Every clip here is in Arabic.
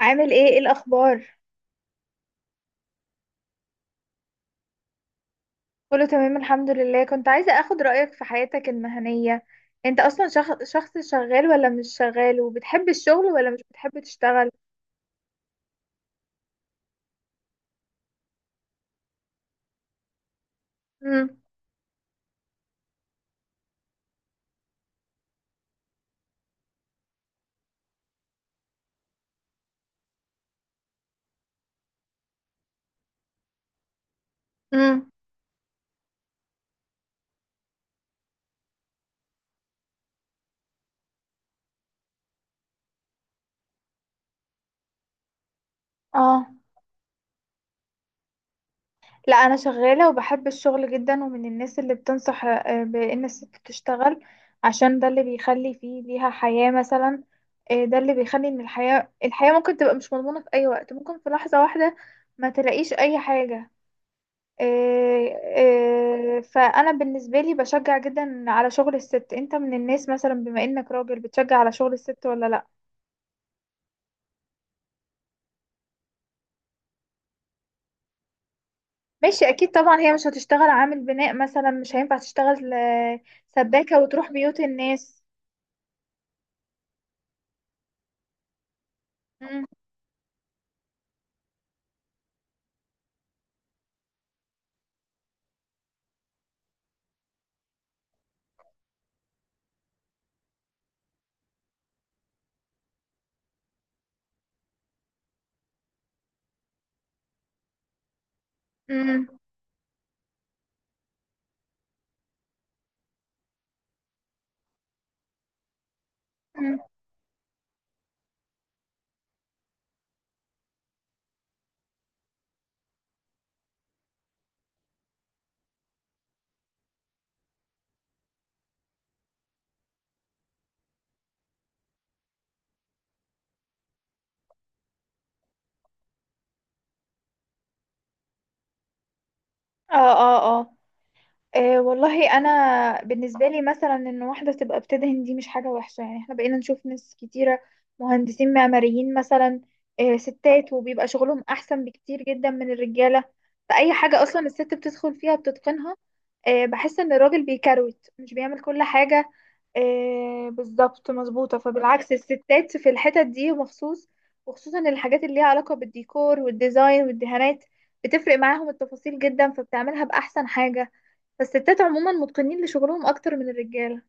عامل ايه الاخبار؟ كله تمام، الحمد لله. كنت عايزة اخد رأيك في حياتك المهنية. انت اصلا شخص شغال ولا مش شغال، وبتحب الشغل ولا مش بتحب تشتغل؟ امم. امم. اه. لا، انا شغالة وبحب الشغل جدا، ومن الناس اللي بتنصح بان الست تشتغل. عشان ده اللي بيخلي فيه ليها حياة مثلا. ده اللي بيخلي ان الحياة ممكن تبقى مش مضمونة في اي وقت، ممكن في لحظة واحدة ما تلاقيش اي حاجة. إيه، فانا بالنسبه لي بشجع جدا على شغل الست. انت من الناس مثلا، بما انك راجل، بتشجع على شغل الست ولا لا؟ ماشي، اكيد طبعا هي مش هتشتغل عامل بناء مثلا، مش هينفع تشتغل سباكه وتروح بيوت الناس. مم. مم. مم. اه. اه. اه. أه والله، انا بالنسبه لي مثلا ان واحده تبقى بتدهن دي مش حاجه وحشه، يعني احنا بقينا نشوف ناس كتيره، مهندسين معماريين مثلا. أه، ستات، وبيبقى شغلهم احسن بكتير جدا من الرجاله. فاي حاجه اصلا الست بتدخل فيها بتتقنها. أه، بحس ان الراجل بيكروت مش بيعمل كل حاجه. أه، بالظبط مظبوطه. فبالعكس الستات في الحتت دي مخصوص، وخصوصا الحاجات اللي ليها علاقه بالديكور والديزاين والدهانات، بتفرق معاهم التفاصيل جدا، فبتعملها بأحسن حاجة. فالستات عموما متقنين لشغلهم اكتر من الرجاله.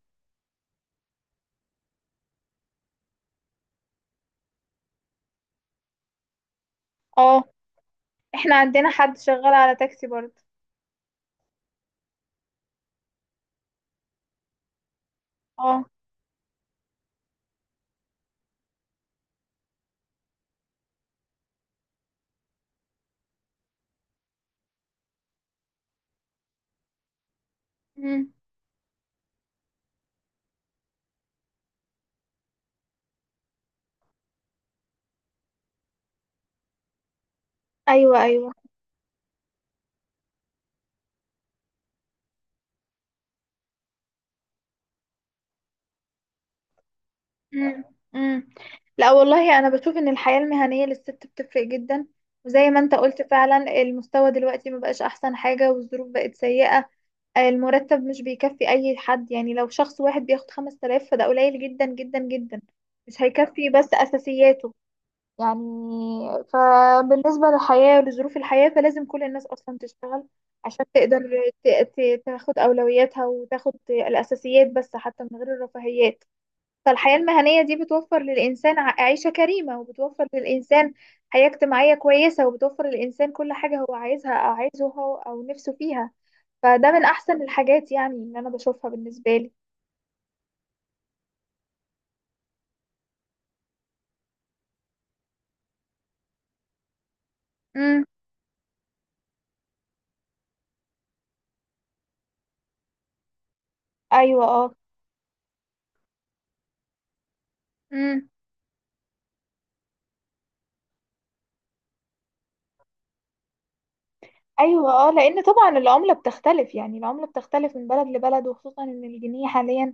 اه، احنا عندنا حد شغال على تاكسي برضه. اه. امم. ايوه. ايوه. امم. امم. لا والله، انا بشوف ان الحياه المهنيه للست بتفرق جدا، وزي ما انت قلت فعلا، المستوى دلوقتي مبقاش احسن حاجه والظروف بقت سيئه. المرتب مش بيكفي اي حد، يعني لو شخص واحد بياخد 5000 فده قليل جدا جدا جدا، مش هيكفي بس اساسياته. يعني فبالنسبة للحياة ولظروف الحياة، فلازم كل الناس أصلا تشتغل عشان تقدر ت- تاخد أولوياتها وتاخد الأساسيات، بس حتى من غير الرفاهيات. فالحياة المهنية دي بتوفر للإنسان عيشة كريمة، وبتوفر للإنسان حياة اجتماعية كويسة، وبتوفر للإنسان كل حاجة هو عايزها أو عايزه هو أو نفسه فيها. فده من أحسن الحاجات يعني، اللي أنا بشوفها بالنسبة لي. امم. أيوة. اه. ايوه. اه، لان طبعا العمله بتختلف، يعني العمله بتختلف من بلد لبلد، وخصوصا ان الجنيه حاليا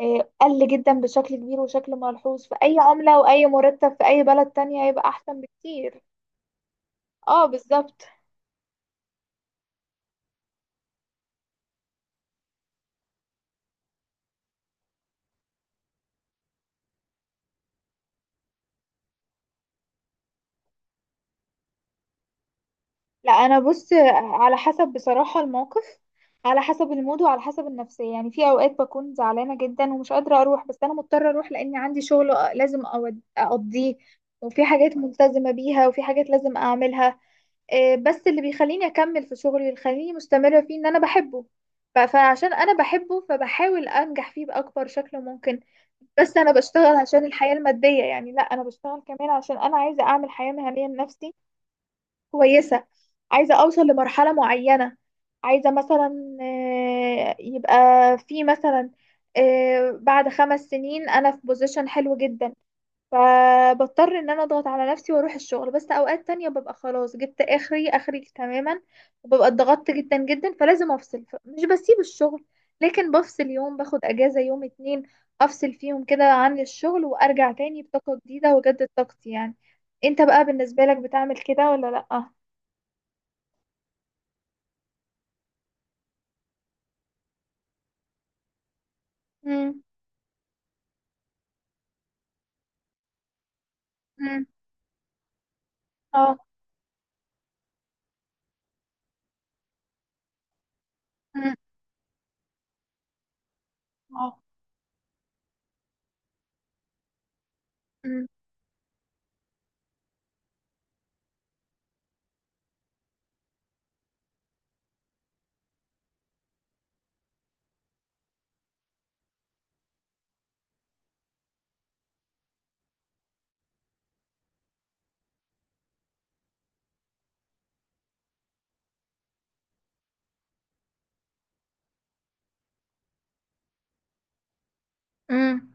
قل جدا بشكل كبير وشكل ملحوظ، في اي عمله واي مرتب في اي بلد تانية هيبقى احسن بكتير. اه، بالظبط. لا، انا بص، على حسب بصراحة الموقف، على حسب المود وعلى حسب النفسية. يعني في اوقات بكون زعلانة جدا ومش قادرة اروح، بس انا مضطرة اروح لاني عندي شغل لازم اقضيه، وفي حاجات ملتزمة بيها، وفي حاجات لازم اعملها. بس اللي بيخليني اكمل في شغلي، اللي بيخليني مستمرة فيه، ان انا بحبه. فعشان انا بحبه، فبحاول انجح فيه باكبر شكل ممكن. بس انا بشتغل عشان الحياة المادية يعني، لا، انا بشتغل كمان عشان انا عايزة اعمل حياة مهنية لنفسي كويسة. عايزة أوصل لمرحلة معينة، عايزة مثلا يبقى في مثلا بعد 5 سنين أنا في بوزيشن حلو جدا. فبضطر إن أنا أضغط على نفسي وأروح الشغل، بس أوقات تانية ببقى خلاص جبت آخري آخري تماما، وببقى اتضغطت جدا جدا، فلازم أفصل. مش بسيب الشغل، لكن بفصل يوم، باخد أجازة يوم اتنين، أفصل فيهم كده عن الشغل وأرجع تاني بطاقة جديدة، وأجدد طاقتي يعني. انت بقى بالنسبة لك بتعمل كده ولا لأ؟ مم. مم. اه. مم. اه. مم. مم.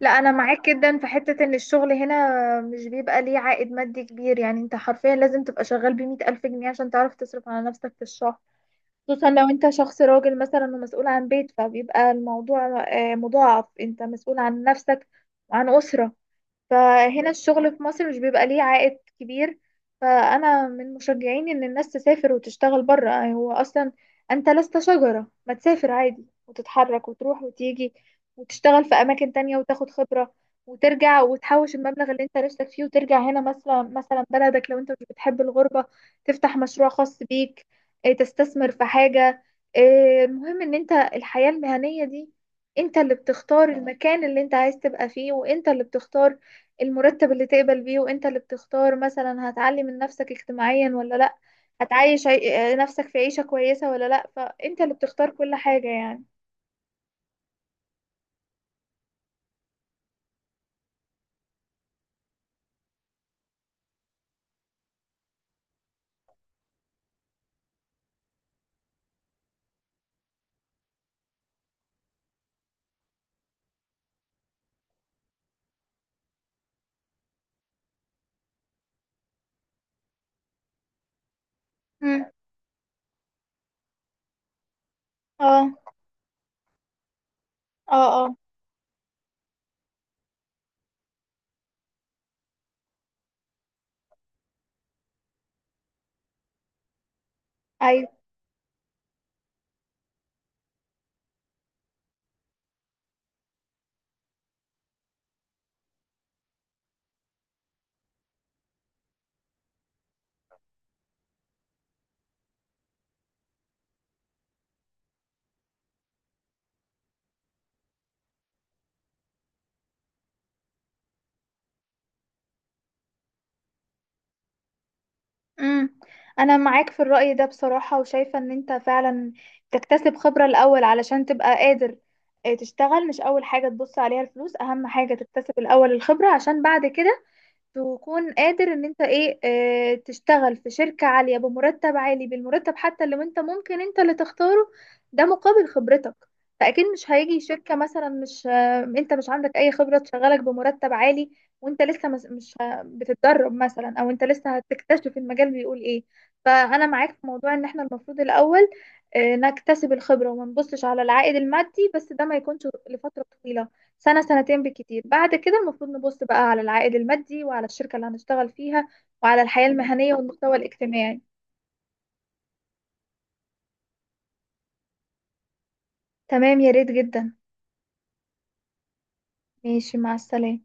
لا، انا معاك جدا في حتة ان الشغل هنا مش بيبقى ليه عائد مادي كبير، يعني انت حرفيا لازم تبقى شغال بمئة الف جنيه عشان تعرف تصرف على نفسك في الشهر، خصوصا لو انت شخص راجل مثلا ومسؤول عن بيت، فبيبقى الموضوع مضاعف، انت مسؤول عن نفسك وعن أسرة. فهنا الشغل في مصر مش بيبقى ليه عائد كبير. فأنا من مشجعين إن الناس تسافر وتشتغل برا، يعني هو أصلا أنت لست شجرة، ما تسافر عادي وتتحرك وتروح وتيجي وتشتغل في أماكن تانية وتاخد خبرة، وترجع وتحوش المبلغ اللي انت نفسك فيه، وترجع هنا مثلا، بلدك، لو انت مش بتحب الغربة، تفتح مشروع خاص بيك، تستثمر في حاجة. المهم ان انت الحياة المهنية دي انت اللي بتختار المكان اللي انت عايز تبقى فيه، وانت اللي بتختار المرتب اللي تقبل بيه، وانت اللي بتختار مثلا هتعلي من نفسك اجتماعيا ولا لا، هتعيش نفسك في عيشة كويسة ولا لا. فانت اللي بتختار كل حاجة يعني. مم. اه. اه. اه. ايوه. مم. انا معاك في الرأي ده بصراحة، وشايفة ان انت فعلا تكتسب خبرة الاول علشان تبقى قادر تشتغل. مش اول حاجة تبص عليها الفلوس، اهم حاجة تكتسب الاول الخبرة، عشان بعد كده تكون قادر ان انت ايه اه تشتغل في شركة عالية بمرتب عالي، بالمرتب حتى لو انت ممكن انت اللي تختاره، ده مقابل خبرتك. فاكيد مش هيجي شركة مثلا، مش انت مش عندك اي خبرة تشغلك بمرتب عالي وانت لسه مس- مش ه- بتتدرب مثلا، او انت لسه هتكتشف المجال بيقول ايه. فانا معاك في موضوع ان احنا المفروض الاول اه نكتسب الخبرة، وما نبصش على العائد المادي، بس ده ما يكونش لفترة طويلة، سنة سنتين بالكتير. بعد كده المفروض نبص بقى على العائد المادي، وعلى الشركة اللي هنشتغل فيها، وعلى الحياة المهنية والمستوى الاجتماعي. تمام، يا ريت جدا. ماشي، مع السلامة.